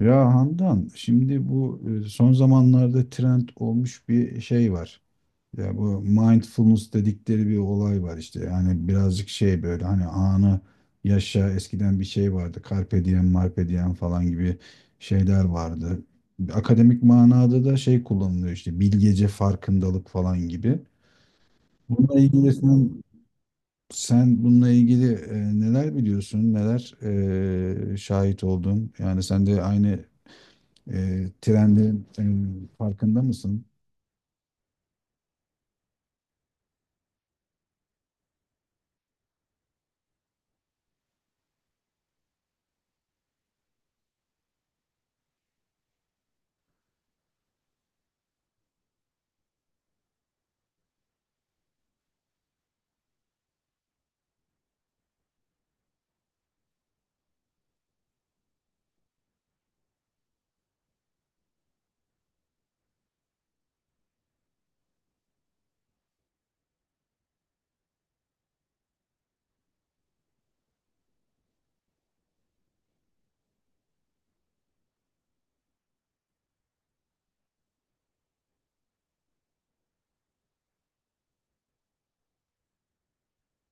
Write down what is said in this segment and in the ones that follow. Ya Handan, şimdi bu son zamanlarda trend olmuş bir şey var. Ya bu mindfulness dedikleri bir olay var işte. Yani birazcık şey böyle hani anı yaşa, eskiden bir şey vardı. Carpe diem, marpe diem falan gibi şeyler vardı. Akademik manada da şey kullanılıyor işte, bilgece farkındalık falan gibi. Bununla ilgili sen bununla ilgili neler biliyorsun, neler şahit oldun? Yani sen de aynı trendin farkında mısın?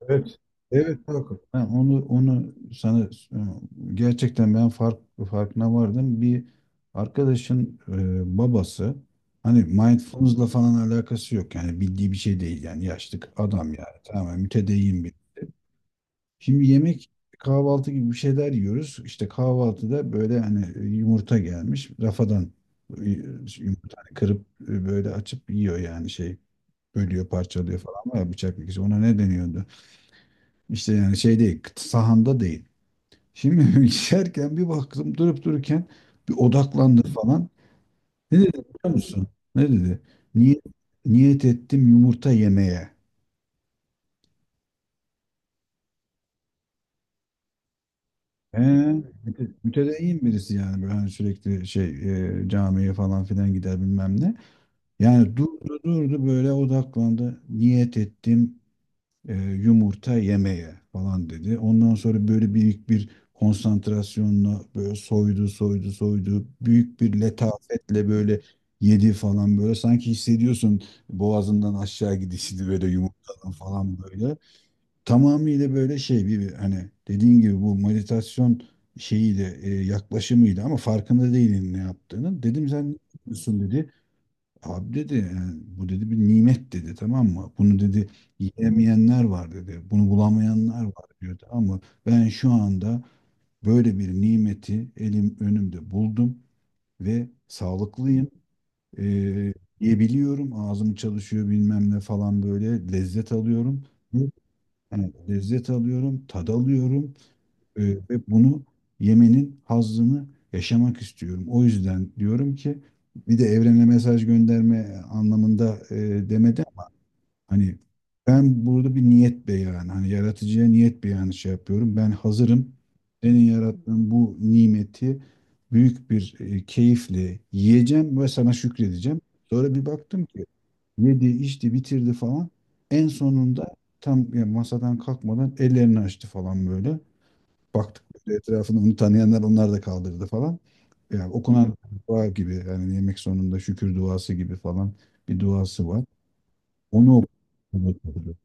Evet. Evet Hakan. Ben onu sana e, gerçekten ben farkına vardım. Bir arkadaşın babası, hani mindfulness'la falan alakası yok. Yani bildiği bir şey değil yani, yaşlı adam yani, tamamen mütedeyyin bir. Şimdi yemek, kahvaltı gibi bir şeyler yiyoruz. İşte kahvaltıda böyle, hani yumurta gelmiş rafadan e, yumurta, hani kırıp böyle açıp yiyor yani şey, bölüyor, parçalıyor falan, var ya bıçak dikişi. Ona ne deniyordu? İşte yani şey değil, sahanda değil. Şimdi geçerken bir baktım, durup dururken bir odaklandı falan. Ne dedi biliyor musun? Ne dedi? Niyet, niyet ettim yumurta yemeye. He, mütedeyyin birisi yani, böyle hani sürekli şey camiye falan filan gider bilmem ne. Yani durdu durdu böyle odaklandı. Niyet ettim yumurta yemeye falan dedi. Ondan sonra böyle büyük bir konsantrasyonla böyle soydu soydu soydu. Büyük bir letafetle böyle yedi falan böyle. Sanki hissediyorsun boğazından aşağı gidişini böyle, yumurtadan falan böyle. Tamamıyla böyle şey, bir hani dediğin gibi bu meditasyon şeyiyle yaklaşımıyla, ama farkında değilin ne yaptığını. Dedim, "Sen ne yapıyorsun?" dedi. Abi dedi, yani bu dedi bir nimet dedi, tamam mı? Bunu dedi yiyemeyenler var dedi. Bunu bulamayanlar var diyordu. Ama ben şu anda böyle bir nimeti elim önümde buldum ve sağlıklıyım. Ee, Yiyebiliyorum. Ağzım çalışıyor bilmem ne falan, böyle lezzet alıyorum. Evet, lezzet alıyorum, tad alıyorum. Ee, Ve bunu yemenin hazzını yaşamak istiyorum. O yüzden diyorum ki, bir de evrene mesaj gönderme anlamında demedi ama hani, ben burada bir niyet beyanı, hani yaratıcıya niyet beyanı şey yapıyorum. Ben hazırım. Senin yarattığın bu nimeti büyük bir keyifle yiyeceğim ve sana şükredeceğim. Sonra bir baktım ki yedi, içti, bitirdi falan. En sonunda, tam yani masadan kalkmadan ellerini açtı falan böyle. Baktık böyle etrafında, onu tanıyanlar, onlar da kaldırdı falan. Yani okunan dua gibi, yani yemek sonunda şükür duası gibi falan bir duası var. Onu okudum.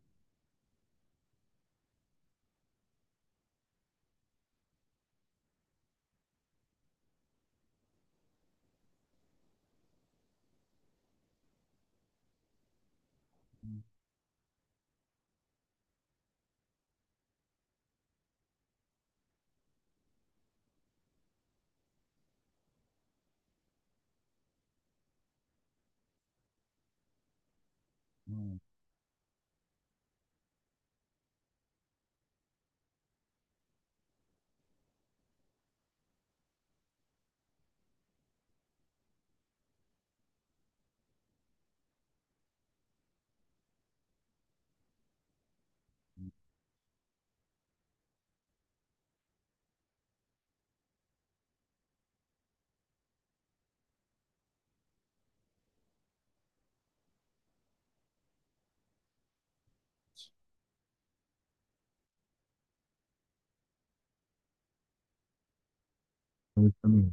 Tabii, tabii.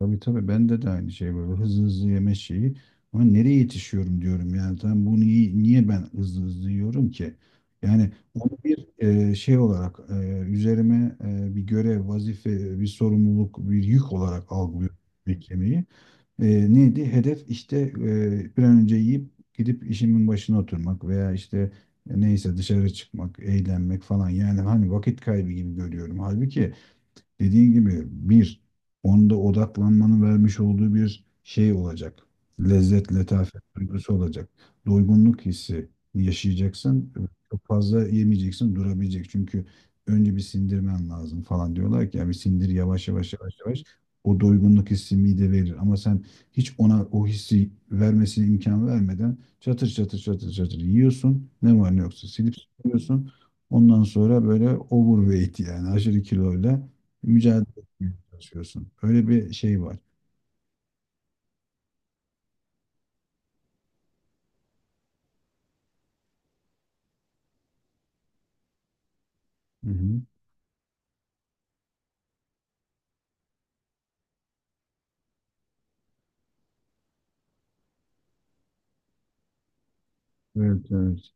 Tabii, tabii, bende de aynı şey, böyle hızlı hızlı yeme şeyi. Ama nereye yetişiyorum diyorum yani. Tam bunu, niye ben hızlı hızlı yiyorum ki? Yani onu bir şey olarak, üzerime bir görev, vazife, bir sorumluluk, bir yük olarak algılıyorum, yemek yemeyi. Neydi? Hedef işte bir an önce yiyip gidip işimin başına oturmak, veya işte neyse dışarı çıkmak, eğlenmek falan. Yani hani vakit kaybı gibi görüyorum. Halbuki dediğin gibi bir, onda odaklanmanın vermiş olduğu bir şey olacak. Lezzet, letafet duygusu olacak. Doygunluk hissi yaşayacaksın. Çok fazla yemeyeceksin, durabilecek. Çünkü önce bir sindirmen lazım falan diyorlar ki, ya bir sindir yavaş yavaş yavaş yavaş. O doygunluk hissi mide verir, ama sen hiç ona o hissi vermesine imkan vermeden çatır çatır çatır çatır yiyorsun. Ne var ne yoksa silip yiyorsun. Ondan sonra böyle overweight, yani aşırı kiloyla mücadele etmeye çalışıyorsun. Öyle bir şey var. Hı hı. Evet, evet.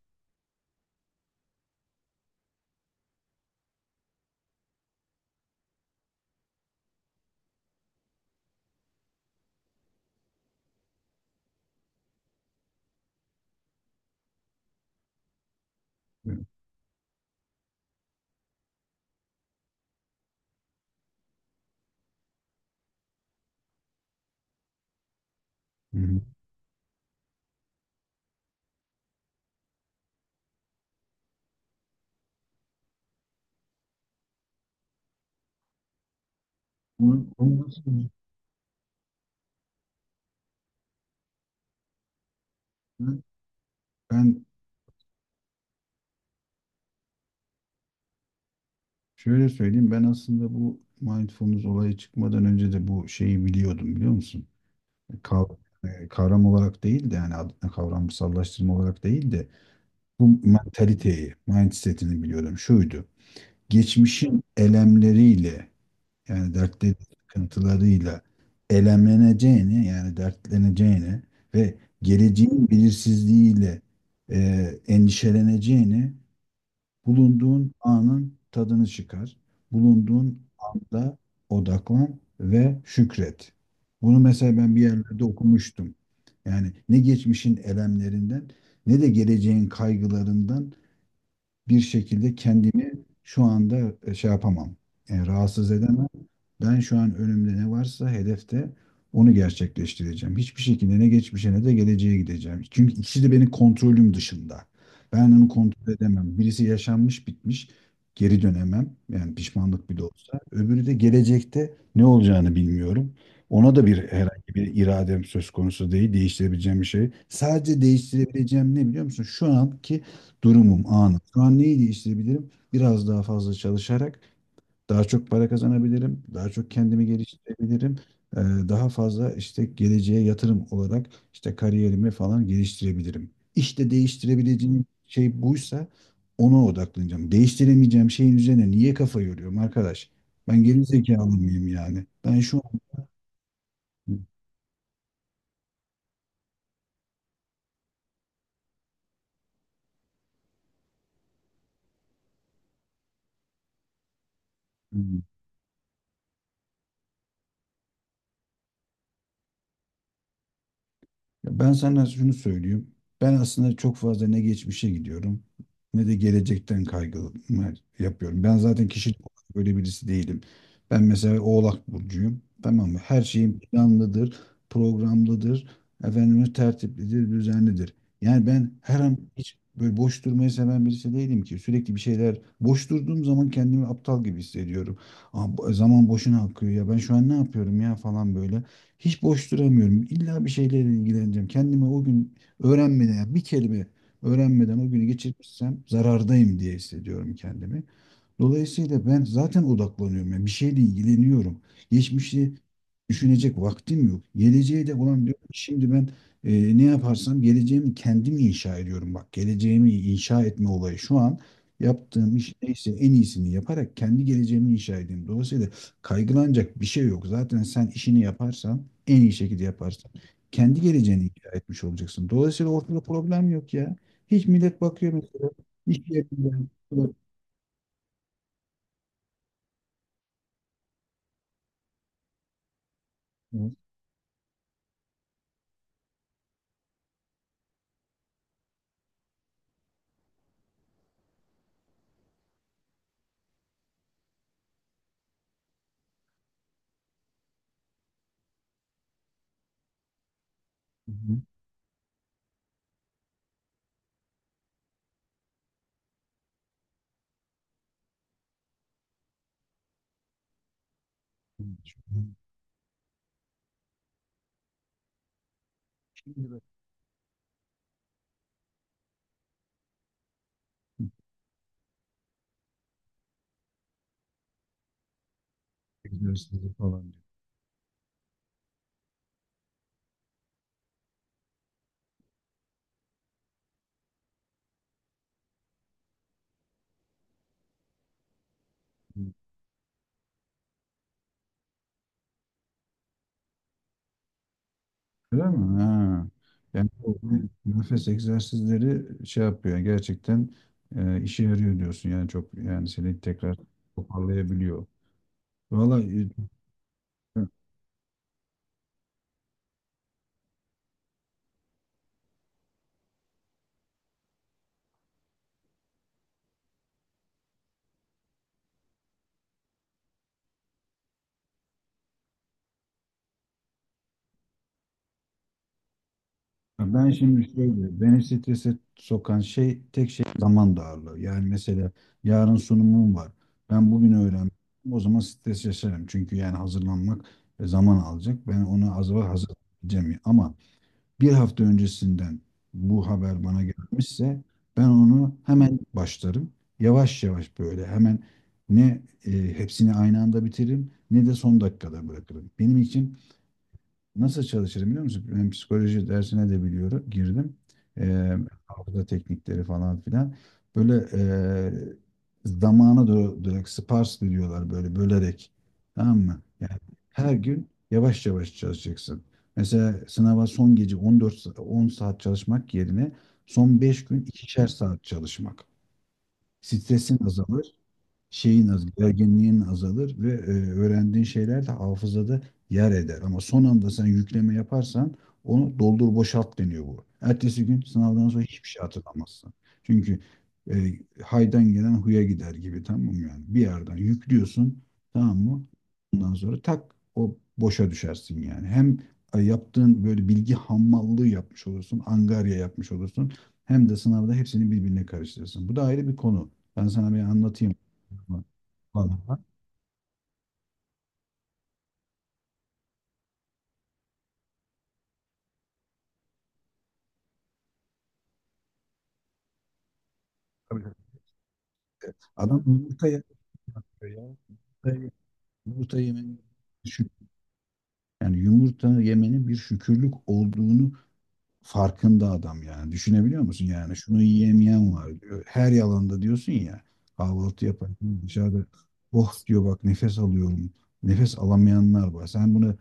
Evet. Hı hı. Onu nasıl, ben şöyle söyleyeyim, ben aslında bu mindfulness olayı çıkmadan önce de bu şeyi biliyordum, biliyor musun? Kav- Kavram olarak değil de, yani adına kavramsallaştırma olarak değil de, bu mentaliteyi, mindset'ini biliyordum. Şuydu. Geçmişin elemleriyle, yani dertleri, sıkıntılarıyla elemleneceğini, yani dertleneceğini, ve geleceğin belirsizliğiyle e, endişeleneceğini; bulunduğun anın tadını çıkar. Bulunduğun anda odaklan ve şükret. Bunu mesela ben bir yerlerde okumuştum. Yani ne geçmişin elemlerinden, ne de geleceğin kaygılarından bir şekilde kendimi şu anda şey yapamam. Rahatsız edemem. Ben şu an önümde ne varsa hedefte, onu gerçekleştireceğim. Hiçbir şekilde ne geçmişe ne de geleceğe gideceğim. Çünkü ikisi de benim kontrolüm dışında. Ben onu kontrol edemem. Birisi yaşanmış bitmiş, geri dönemem. Yani pişmanlık bile olsa. Öbürü de, gelecekte ne olacağını bilmiyorum. Ona da bir, herhangi bir iradem söz konusu değil. Değiştirebileceğim bir şey. Sadece değiştirebileceğim ne biliyor musun? Şu anki durumum, anım. Şu an neyi değiştirebilirim? Biraz daha fazla çalışarak daha çok para kazanabilirim, daha çok kendimi geliştirebilirim, e, daha fazla işte geleceğe yatırım olarak, işte kariyerimi falan geliştirebilirim. İşte değiştirebileceğim şey buysa, ona odaklanacağım. Değiştiremeyeceğim şeyin üzerine niye kafa yoruyorum arkadaş? Ben geri zekalı mıyım yani? Ben şu an Ya, ben sana şunu söyleyeyim. Ben aslında çok fazla ne geçmişe gidiyorum, ne de gelecekten kaygı yapıyorum. Ben zaten kişilik olarak böyle birisi değilim. Ben mesela Oğlak burcuyum. Tamam mı? Her şeyim planlıdır, programlıdır, efendime tertiplidir, düzenlidir. Yani ben her an, hiç böyle boş durmayı seven birisi değilim ki. Sürekli bir şeyler, boş durduğum zaman kendimi aptal gibi hissediyorum. Aa, zaman boşuna akıyor ya, ben şu an ne yapıyorum ya, falan böyle. Hiç boş duramıyorum. İlla bir şeylerle ilgileneceğim. Kendime o gün öğrenmeden, ya bir kelime öğrenmeden o günü geçirmişsem, zarardayım diye hissediyorum kendimi. Dolayısıyla ben zaten odaklanıyorum. Yani bir şeyle ilgileniyorum. Geçmişi düşünecek vaktim yok. Geleceğe de olan, diyorum ki şimdi ben ne yaparsam geleceğimi kendim inşa ediyorum. Bak, geleceğimi inşa etme olayı, şu an yaptığım iş neyse en iyisini yaparak kendi geleceğimi inşa edeyim. Dolayısıyla kaygılanacak bir şey yok. Zaten sen işini yaparsan, en iyi şekilde yaparsan, kendi geleceğini inşa etmiş olacaksın. Dolayısıyla ortada problem yok ya. Hiç, millet bakıyor mesela iş yerinden. Hı hı. Şimdi böyle egzersizleri falan diyor. Öyle mi? Ha. Yani o nefes egzersizleri şey yapıyor. Gerçekten işe yarıyor diyorsun. Yani çok, yani seni tekrar toparlayabiliyor. Vallahi. e, Ben şimdi şöyle, beni strese sokan şey, tek şey zaman darlığı. Yani mesela, yarın sunumum var. Ben bugün öğrendim. O zaman stres yaşarım. Çünkü yani hazırlanmak zaman alacak. Ben ona az var, hazırlayacağım. Ama bir hafta öncesinden bu haber bana gelmişse, ben onu hemen başlarım. Yavaş yavaş böyle, hemen ne hepsini aynı anda bitiririm, ne de son dakikada bırakırım. Benim için Nasıl çalışırım biliyor musun? Ben psikoloji dersine de biliyorum, girdim. Ee, Hafıza teknikleri falan filan. Böyle zamanı direkt sparsely diyorlar, böyle bölerek. Tamam mı? Yani her gün yavaş yavaş çalışacaksın. Mesela sınava son gece 14 10 saat çalışmak yerine, son 5 gün 2'şer saat çalışmak. Stresin azalır, şeyin az, gerginliğin azalır, ve öğrendiğin şeyler de hafızada yer eder. Ama son anda sen yükleme yaparsan, onu doldur boşalt deniyor bu. Ertesi gün sınavdan sonra hiçbir şey hatırlamazsın. Çünkü e, haydan gelen huya gider gibi, tamam mı yani? Bir yerden yüklüyorsun, tamam mı? Ondan sonra tak, o boşa düşersin yani. Hem yaptığın böyle bilgi hamallığı yapmış olursun, angarya yapmış olursun. Hem de sınavda hepsini birbirine karıştırırsın. Bu da ayrı bir konu. Ben sana bir anlatayım. Vallahi. Tabii, tabii. Evet. Ya yumurta, yumurta yemenin şük- yani yumurta yemenin bir şükürlük olduğunu farkında adam yani. Düşünebiliyor musun? Yani şunu yiyemeyen var diyor. Her yalanda diyorsun ya, kahvaltı yaparken dışarıda, "Oh," diyor, "bak nefes alıyorum." Nefes alamayanlar var. Sen bunu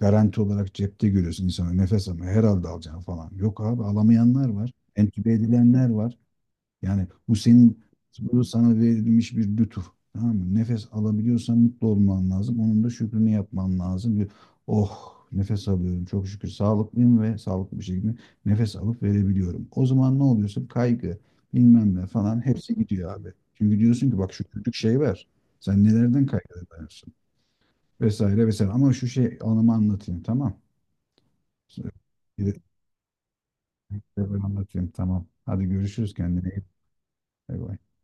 garanti olarak cepte görüyorsun, insana nefes ama herhalde alacaksın falan. Yok abi, alamayanlar var. Entübe edilenler var. Yani bu sana verilmiş bir lütuf. Tamam mı? Nefes alabiliyorsan mutlu olman lazım. Onun da şükrünü yapman lazım. Bir, oh nefes alıyorum çok şükür, sağlıklıyım ve sağlıklı bir şekilde nefes alıp verebiliyorum. O zaman ne oluyorsun? Kaygı bilmem ne falan, hepsi gidiyor abi. Çünkü diyorsun ki, bak şu küçük şey var. Sen nelerden kaygılanıyorsun? Vesaire vesaire. Ama şu şey anımı anlatayım, tamam. Bir- bir anlatayım, tamam. Hadi görüşürüz, kendine iyi bak. Bay bay.